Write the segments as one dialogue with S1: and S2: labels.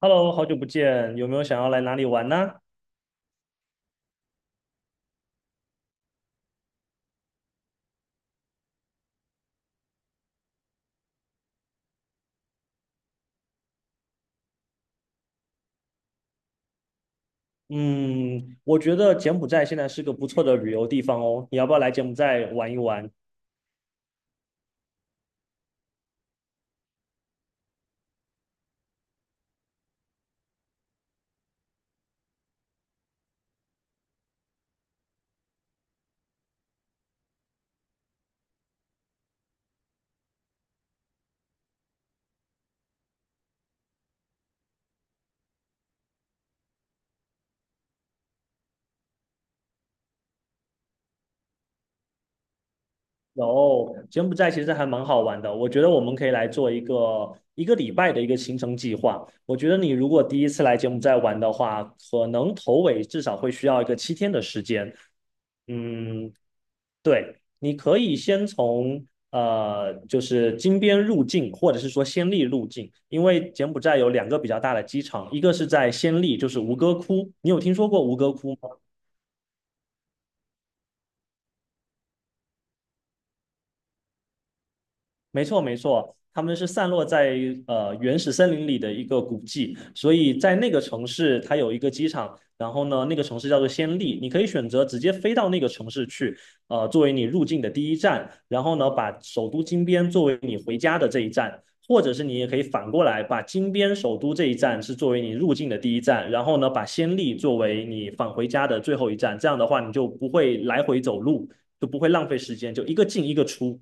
S1: Hello，好久不见，有没有想要来哪里玩呢？嗯，我觉得柬埔寨现在是个不错的旅游地方哦，你要不要来柬埔寨玩一玩？有，柬埔寨其实还蛮好玩的，我觉得我们可以来做一个礼拜的一个行程计划。我觉得你如果第一次来柬埔寨玩的话，可能头尾至少会需要一个7天的时间。嗯，对，你可以先从就是金边入境，或者是说暹粒入境，因为柬埔寨有两个比较大的机场，一个是在暹粒，就是吴哥窟，你有听说过吴哥窟吗？没错，没错，他们是散落在原始森林里的一个古迹，所以在那个城市它有一个机场，然后呢，那个城市叫做暹粒，你可以选择直接飞到那个城市去，作为你入境的第一站，然后呢，把首都金边作为你回家的这一站，或者是你也可以反过来把金边首都这一站是作为你入境的第一站，然后呢，把暹粒作为你返回家的最后一站，这样的话你就不会来回走路，就不会浪费时间，就一个进一个出。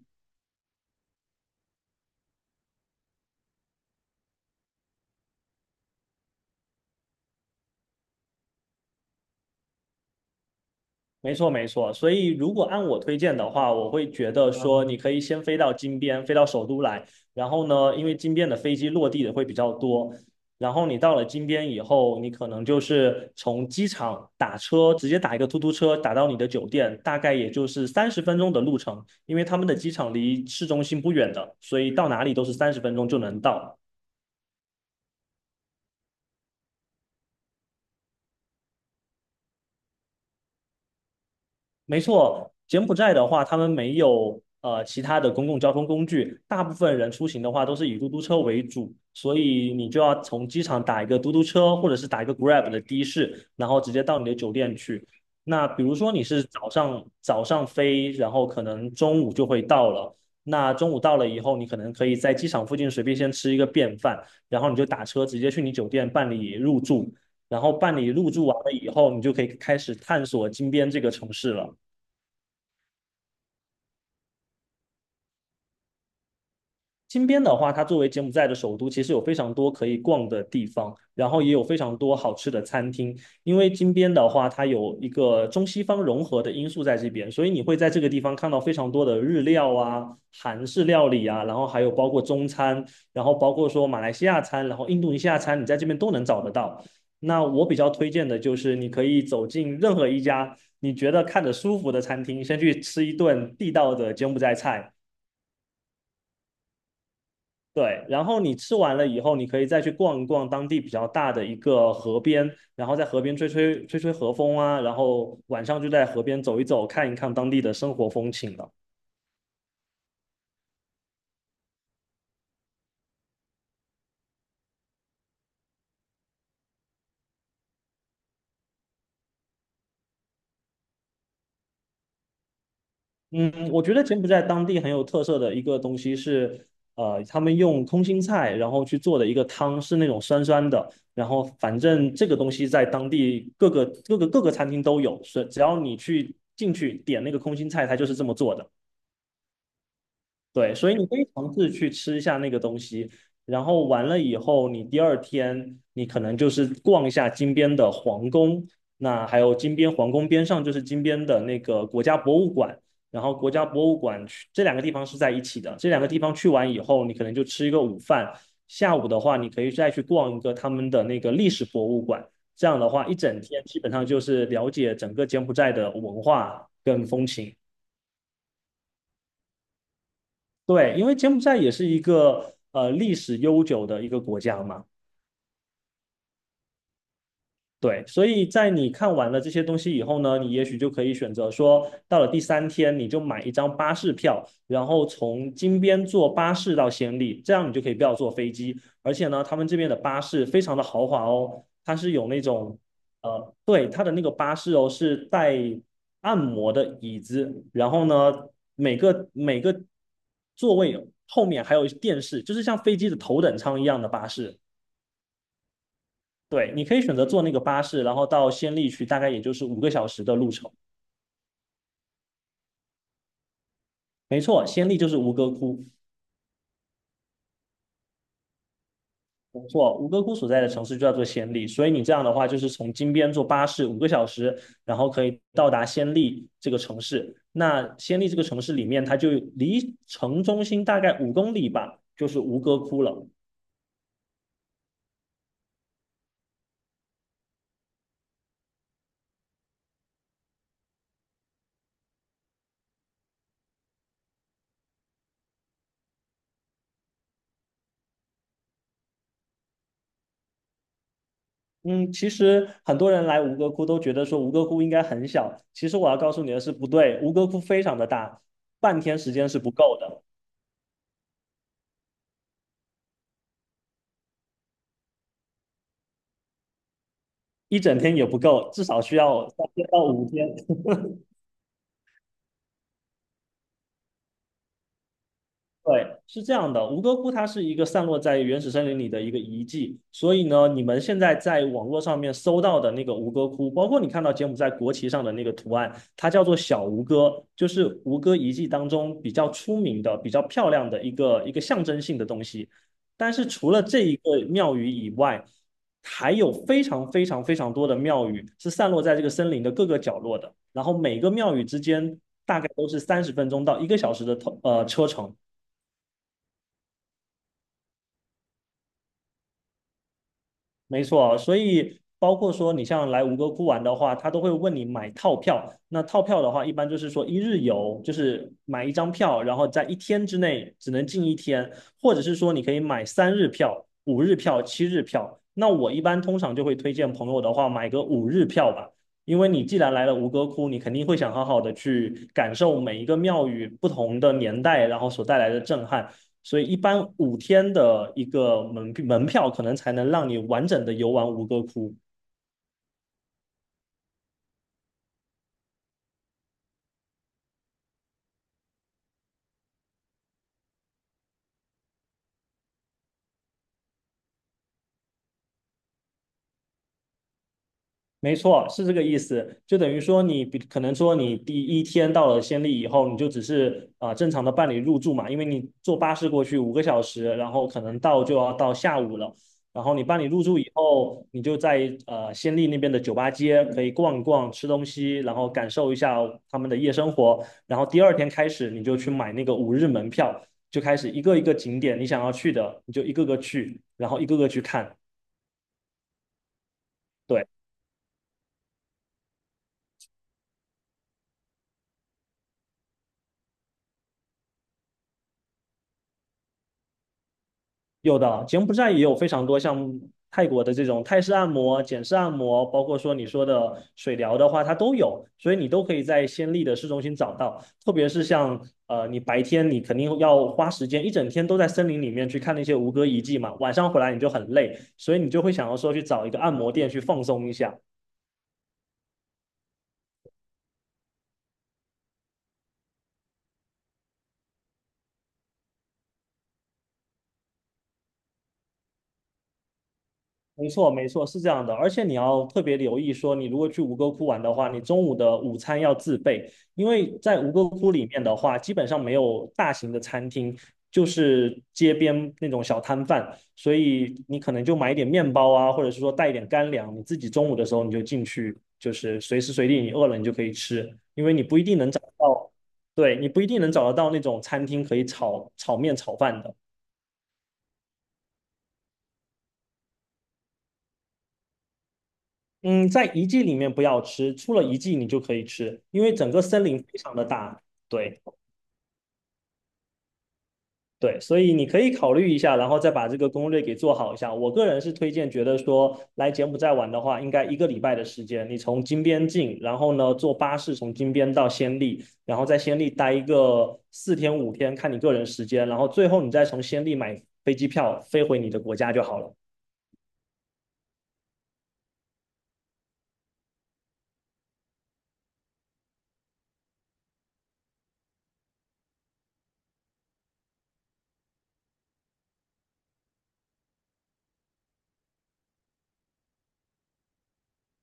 S1: 没错，没错。所以，如果按我推荐的话，我会觉得说，你可以先飞到金边，飞到首都来。然后呢，因为金边的飞机落地的会比较多。然后你到了金边以后，你可能就是从机场打车，直接打一个出租车打到你的酒店，大概也就是三十分钟的路程。因为他们的机场离市中心不远的，所以到哪里都是三十分钟就能到。没错，柬埔寨的话，他们没有其他的公共交通工具，大部分人出行的话都是以嘟嘟车为主，所以你就要从机场打一个嘟嘟车，或者是打一个 Grab 的的士，然后直接到你的酒店去。那比如说你是早上飞，然后可能中午就会到了。那中午到了以后，你可能可以在机场附近随便先吃一个便饭，然后你就打车直接去你酒店办理入住，然后办理入住完了以后，你就可以开始探索金边这个城市了。金边的话，它作为柬埔寨的首都，其实有非常多可以逛的地方，然后也有非常多好吃的餐厅。因为金边的话，它有一个中西方融合的因素在这边，所以你会在这个地方看到非常多的日料啊、韩式料理啊，然后还有包括中餐，然后包括说马来西亚餐，然后印度尼西亚餐，你在这边都能找得到。那我比较推荐的就是你可以走进任何一家你觉得看着舒服的餐厅，先去吃一顿地道的柬埔寨菜。对，然后你吃完了以后，你可以再去逛一逛当地比较大的一个河边，然后在河边吹吹河风啊，然后晚上就在河边走一走，看一看当地的生活风情了。嗯，我觉得柬埔寨当地很有特色的一个东西是，他们用空心菜然后去做的一个汤，是那种酸酸的，然后反正这个东西在当地各个餐厅都有，是只要你去进去点那个空心菜，它就是这么做的。对，所以你可以尝试去吃一下那个东西，然后完了以后，你第二天你可能就是逛一下金边的皇宫，那还有金边皇宫边上就是金边的那个国家博物馆，然后国家博物馆去这两个地方是在一起的，这两个地方去完以后，你可能就吃一个午饭，下午的话你可以再去逛一个他们的那个历史博物馆，这样的话一整天基本上就是了解整个柬埔寨的文化跟风情。对，因为柬埔寨也是一个历史悠久的一个国家嘛，对，所以在你看完了这些东西以后呢，你也许就可以选择说，到了第三天你就买一张巴士票，然后从金边坐巴士到暹粒，这样你就可以不要坐飞机。而且呢，他们这边的巴士非常的豪华哦，它是有那种，对，它的那个巴士哦是带按摩的椅子，然后呢，每个座位后面还有电视，就是像飞机的头等舱一样的巴士。对，你可以选择坐那个巴士，然后到仙丽去，大概也就是五个小时的路程。没错，仙丽就是吴哥窟，没错，吴哥窟所在的城市就叫做仙丽，所以你这样的话就是从金边坐巴士五个小时，然后可以到达仙丽这个城市。那仙丽这个城市里面，它就离城中心大概5公里吧，就是吴哥窟了。嗯，其实很多人来吴哥窟都觉得说吴哥窟应该很小，其实我要告诉你的是不对，吴哥窟非常的大，半天时间是不够的。一整天也不够，至少需要3天到5天。对，是这样的，吴哥窟它是一个散落在原始森林里的一个遗迹，所以呢，你们现在在网络上面搜到的那个吴哥窟，包括你看到柬埔寨国旗上的那个图案，它叫做小吴哥，就是吴哥遗迹当中比较出名的、比较漂亮的一个象征性的东西。但是除了这一个庙宇以外，还有非常多的庙宇是散落在这个森林的各个角落的，然后每个庙宇之间大概都是30分钟到1个小时的车程。没错，所以包括说你像来吴哥窟玩的话，他都会问你买套票。那套票的话，一般就是说一日游，就是买一张票，然后在一天之内只能进一天，或者是说你可以买3日票、5日票、7日票。那我一般通常就会推荐朋友的话，买个五日票吧。因为你既然来了吴哥窟，你肯定会想好好的去感受每一个庙宇不同的年代，然后所带来的震撼。所以一般五天的一个门票可能才能让你完整的游玩5个窟。没错，是这个意思。就等于说你，比可能说你第一天到了暹粒以后，你就只是啊、正常的办理入住嘛，因为你坐巴士过去五个小时，然后可能到就要到下午了。然后你办理入住以后，你就在暹粒那边的酒吧街可以逛一逛、吃东西，然后感受一下他们的夜生活。然后第二天开始，你就去买那个5日门票，就开始一个一个景点你想要去的，你就一个个去，然后一个个去看。对。有的，柬埔寨也有非常多像泰国的这种泰式按摩、简式按摩，包括说你说的水疗的话，它都有，所以你都可以在暹粒的市中心找到。特别是像你白天你肯定要花时间，一整天都在森林里面去看那些吴哥遗迹嘛，晚上回来你就很累，所以你就会想要说去找一个按摩店去放松一下。没错，没错，是这样的，而且你要特别留意说，你如果去吴哥窟玩的话，你中午的午餐要自备，因为在吴哥窟里面的话，基本上没有大型的餐厅，就是街边那种小摊贩，所以你可能就买一点面包啊，或者是说带一点干粮，你自己中午的时候你就进去，就是随时随地你饿了你就可以吃，因为你不一定能找到，对，你不一定能找得到那种餐厅可以炒面炒饭的。嗯，在遗迹里面不要吃，出了遗迹你就可以吃，因为整个森林非常的大。对对，所以你可以考虑一下，然后再把这个攻略给做好一下。我个人是推荐，觉得说来柬埔寨玩的话，应该一个礼拜的时间，你从金边进，然后呢坐巴士从金边到暹粒，然后在暹粒待一个4天5天，看你个人时间，然后最后你再从暹粒买飞机票飞回你的国家就好了。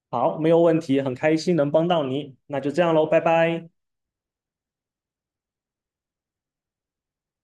S1: 好，没有问题，很开心能帮到你，那就这样喽，拜拜。